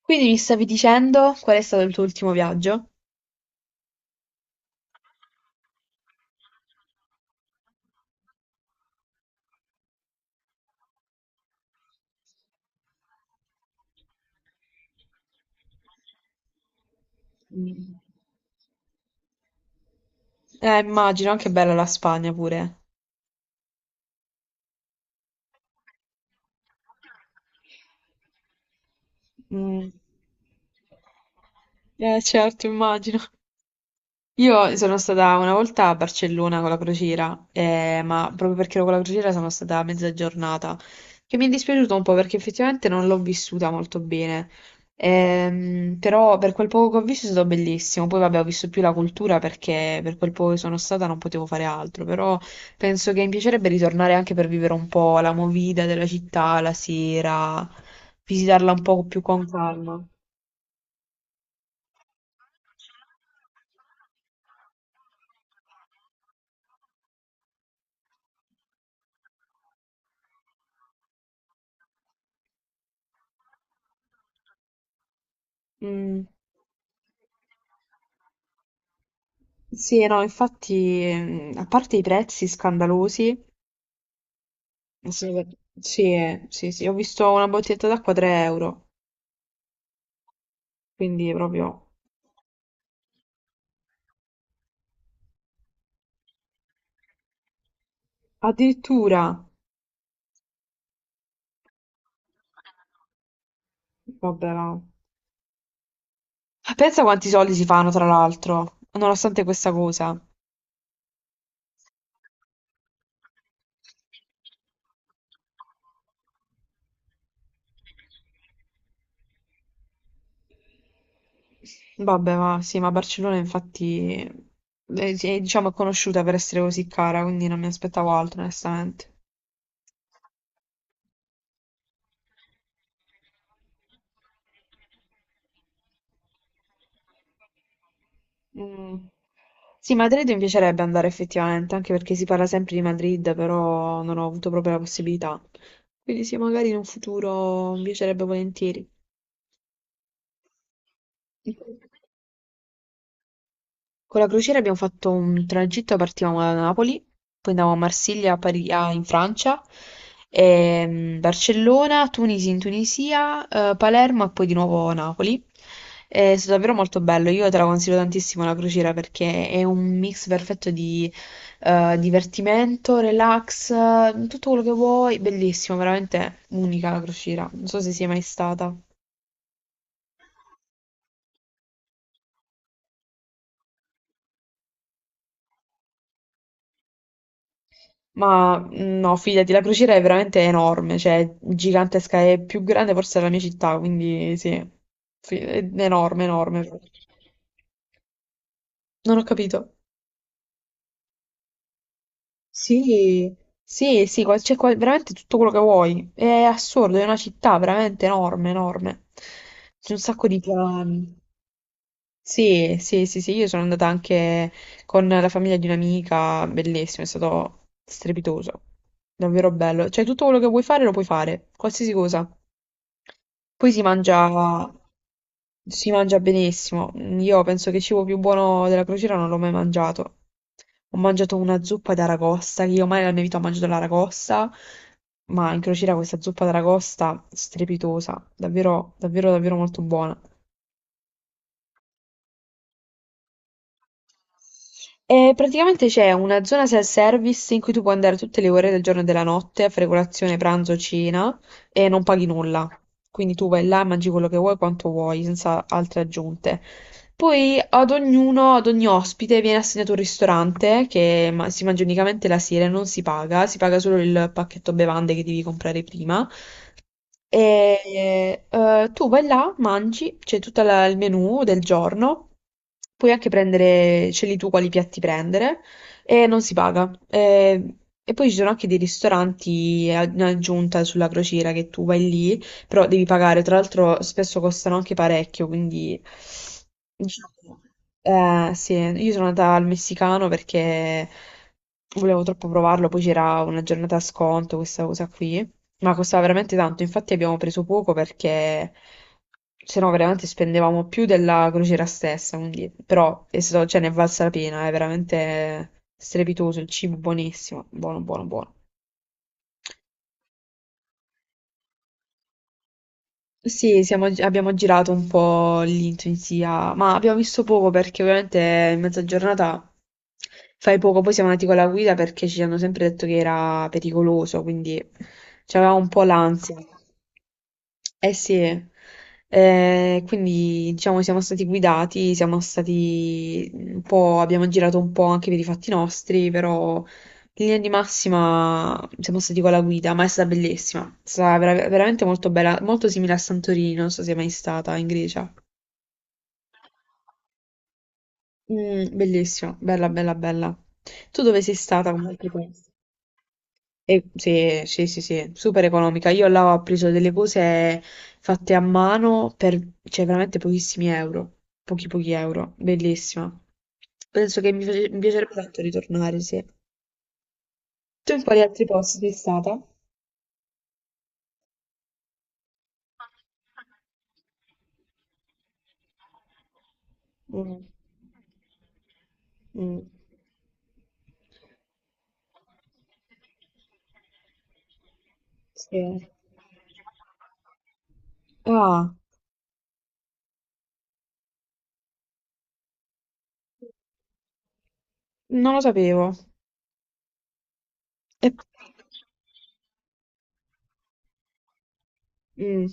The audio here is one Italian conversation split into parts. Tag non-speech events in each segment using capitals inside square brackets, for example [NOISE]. Quindi mi stavi dicendo qual è stato il tuo ultimo viaggio? Mm. Immagino, anche bella la Spagna pure. Mm. Certo, immagino. Io sono stata una volta a Barcellona con la crociera, ma proprio perché ero con la crociera sono stata mezza giornata, che mi è dispiaciuto un po' perché effettivamente non l'ho vissuta molto bene. Però per quel poco che ho visto è stato bellissimo. Poi vabbè, ho visto più la cultura perché per quel poco che sono stata non potevo fare altro, però penso che mi piacerebbe ritornare anche per vivere un po' la movida della città la sera, visitarla un po' più con calma. Mm. Sì, no, infatti, a parte i prezzi scandalosi, sono- sì, sì, sì, ho visto una bottiglietta d'acqua 3 euro, quindi proprio, addirittura, vabbè, no. Pensa quanti soldi si fanno, tra l'altro, nonostante questa cosa. Vabbè, ma sì, ma Barcellona infatti è, diciamo, conosciuta per essere così cara, quindi non mi aspettavo altro, onestamente. Mm. Sì, Madrid mi piacerebbe andare effettivamente, anche perché si parla sempre di Madrid, però non ho avuto proprio la possibilità. Quindi sì, magari in un futuro mi piacerebbe volentieri. Con la crociera abbiamo fatto un tragitto, partivamo da Napoli, poi andavamo a Marsiglia, in Francia, Barcellona, Tunisi in Tunisia, Palermo e poi di nuovo Napoli. È stato davvero molto bello, io te la consiglio tantissimo la crociera perché è un mix perfetto di divertimento, relax, tutto quello che vuoi, bellissimo, veramente unica la crociera, non so se sei mai stata. Ma no, fidati, la crociera è veramente enorme, cioè gigantesca, è più grande forse della mia città, quindi sì, è enorme, enorme. Non ho capito. Sì, sì, sì, c'è veramente tutto quello che vuoi. È assurdo, è una città veramente enorme, enorme. C'è un sacco di piani. Sì, sì, sì, sì, io sono andata anche con la famiglia di un'amica, bellissimo, è stato strepitoso, davvero bello. Cioè, tutto quello che vuoi fare lo puoi fare, qualsiasi cosa. Poi si mangia benissimo. Io penso che il cibo più buono della crociera non l'ho mai mangiato. Ho mangiato una zuppa d'aragosta, che io mai nella mia vita ho mangiato l'aragosta, ma in crociera questa zuppa d'aragosta strepitosa, davvero, davvero, davvero molto buona. E praticamente c'è una zona self-service in cui tu puoi andare tutte le ore del giorno e della notte a fare colazione, pranzo, cena e non paghi nulla. Quindi tu vai là e mangi quello che vuoi, quanto vuoi, senza altre aggiunte. Poi ad ognuno, ad ogni ospite viene assegnato un ristorante che si mangia unicamente la sera e non si paga, si paga solo il pacchetto bevande che devi comprare prima. E tu vai là, mangi, c'è tutto il menù del giorno, puoi anche prendere, scegli tu quali piatti prendere e non si paga. E poi ci sono anche dei ristoranti in aggiunta sulla crociera che tu vai lì, però devi pagare, tra l'altro spesso costano anche parecchio, quindi diciamo, sì, io sono andata al messicano perché volevo troppo provarlo, poi c'era una giornata a sconto, questa cosa qui. Ma costava veramente tanto, infatti abbiamo preso poco perché se no veramente spendevamo più della crociera stessa, quindi, però cioè, ne è valsa la pena, è veramente strepitoso, il cibo buonissimo, buono, buono, buono. Sì, abbiamo girato un po' lì in Tunisia, ma abbiamo visto poco perché ovviamente in mezza giornata fai poco, poi siamo andati con la guida perché ci hanno sempre detto che era pericoloso, quindi c'aveva un po' l'ansia. Eh sì, quindi diciamo siamo stati guidati, siamo stati un po', abbiamo girato un po' anche per i fatti nostri, però in linea di massima siamo stati con la guida, ma è stata bellissima. È stata veramente molto bella, molto simile a Santorini, non so se è mai stata in Grecia. Mm, bellissima, bella, bella, bella. Tu dove sei stata con altri posti? Sì, sì, sì, sì, super economica. Io là ho preso delle cose fatte a mano per, cioè, veramente pochissimi euro. Pochi, pochi euro. Bellissima. Penso che mi piacerebbe tanto ritornare, sì. Tu in quali altri posti sei stata? Mh. Mh. Sì. Ah, non lo sapevo. E mh,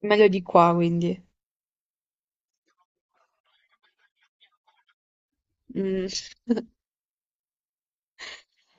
meglio di qua quindi. Mh. [LAUGHS]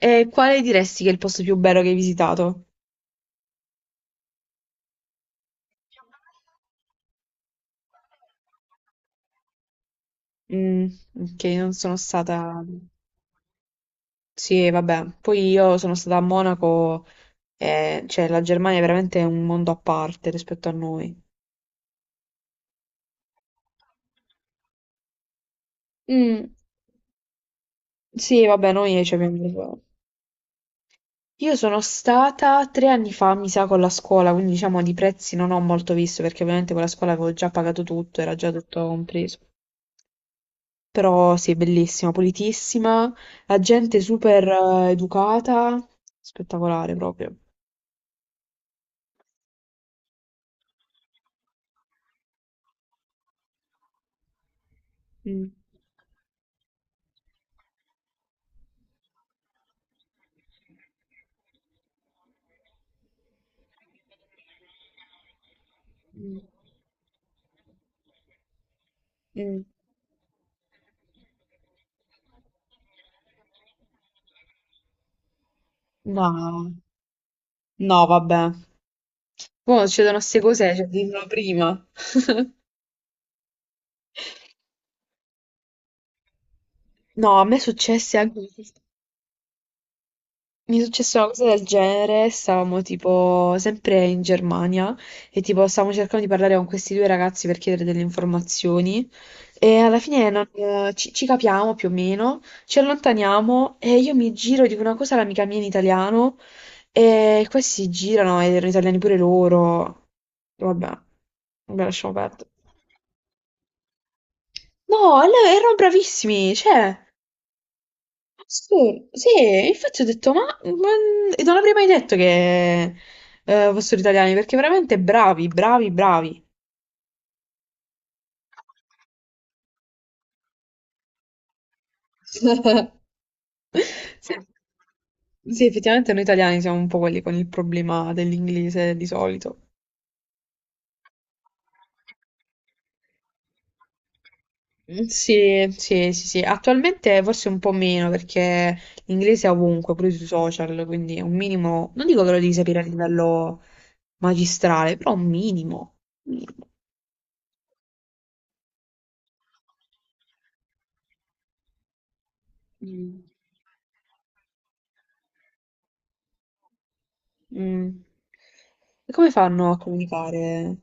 E quale diresti che è il posto più bello che hai visitato? Mm, ok, non sono stata. Sì, vabbè. Poi io sono stata a Monaco e cioè, la Germania è veramente un mondo a parte rispetto a noi. Mm, sì, vabbè, noi ci abbiamo. Io sono stata 3 anni fa, mi sa, con la scuola, quindi diciamo di prezzi non ho molto visto, perché ovviamente con la scuola avevo già pagato tutto, era già tutto compreso. Però sì, bellissima, pulitissima, la gente super educata, spettacolare proprio. Mm. Mh. Mh. No, no vabbè. Mo' succedono 'ste cose, cioè, dimmelo prima. [LAUGHS] No, a me è successe anche. Mi è successa una cosa del genere, stavamo tipo sempre in Germania e tipo stavamo cercando di parlare con questi due ragazzi per chiedere delle informazioni e alla fine ci capiamo più o meno, ci allontaniamo e io mi giro e dico una cosa all'amica mia in italiano e questi si girano ed erano italiani pure loro. Vabbè, vabbè, lasciamo perdere. No, erano bravissimi, cioè. Sì, sì, e infatti ho detto, e non avrei mai detto che fossero italiani, perché veramente bravi, bravi, bravi. [LAUGHS] Sì. Sì, effettivamente noi italiani siamo un po' quelli con il problema dell'inglese di solito. Mm, sì, sì, sì, sì. Attualmente forse un po' meno perché l'inglese è ovunque, pure sui social, quindi è un minimo, non dico che lo devi sapere a livello magistrale, però un minimo. Minimo. Mm. Mm. E come fanno a comunicare?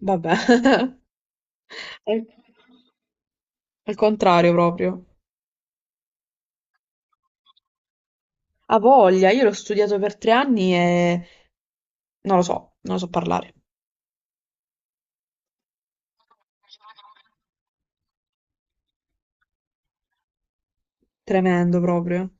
Vabbè, [LAUGHS] al, al contrario proprio. Ha voglia, io l'ho studiato per 3 anni e non lo so, non lo so parlare. Tremendo proprio.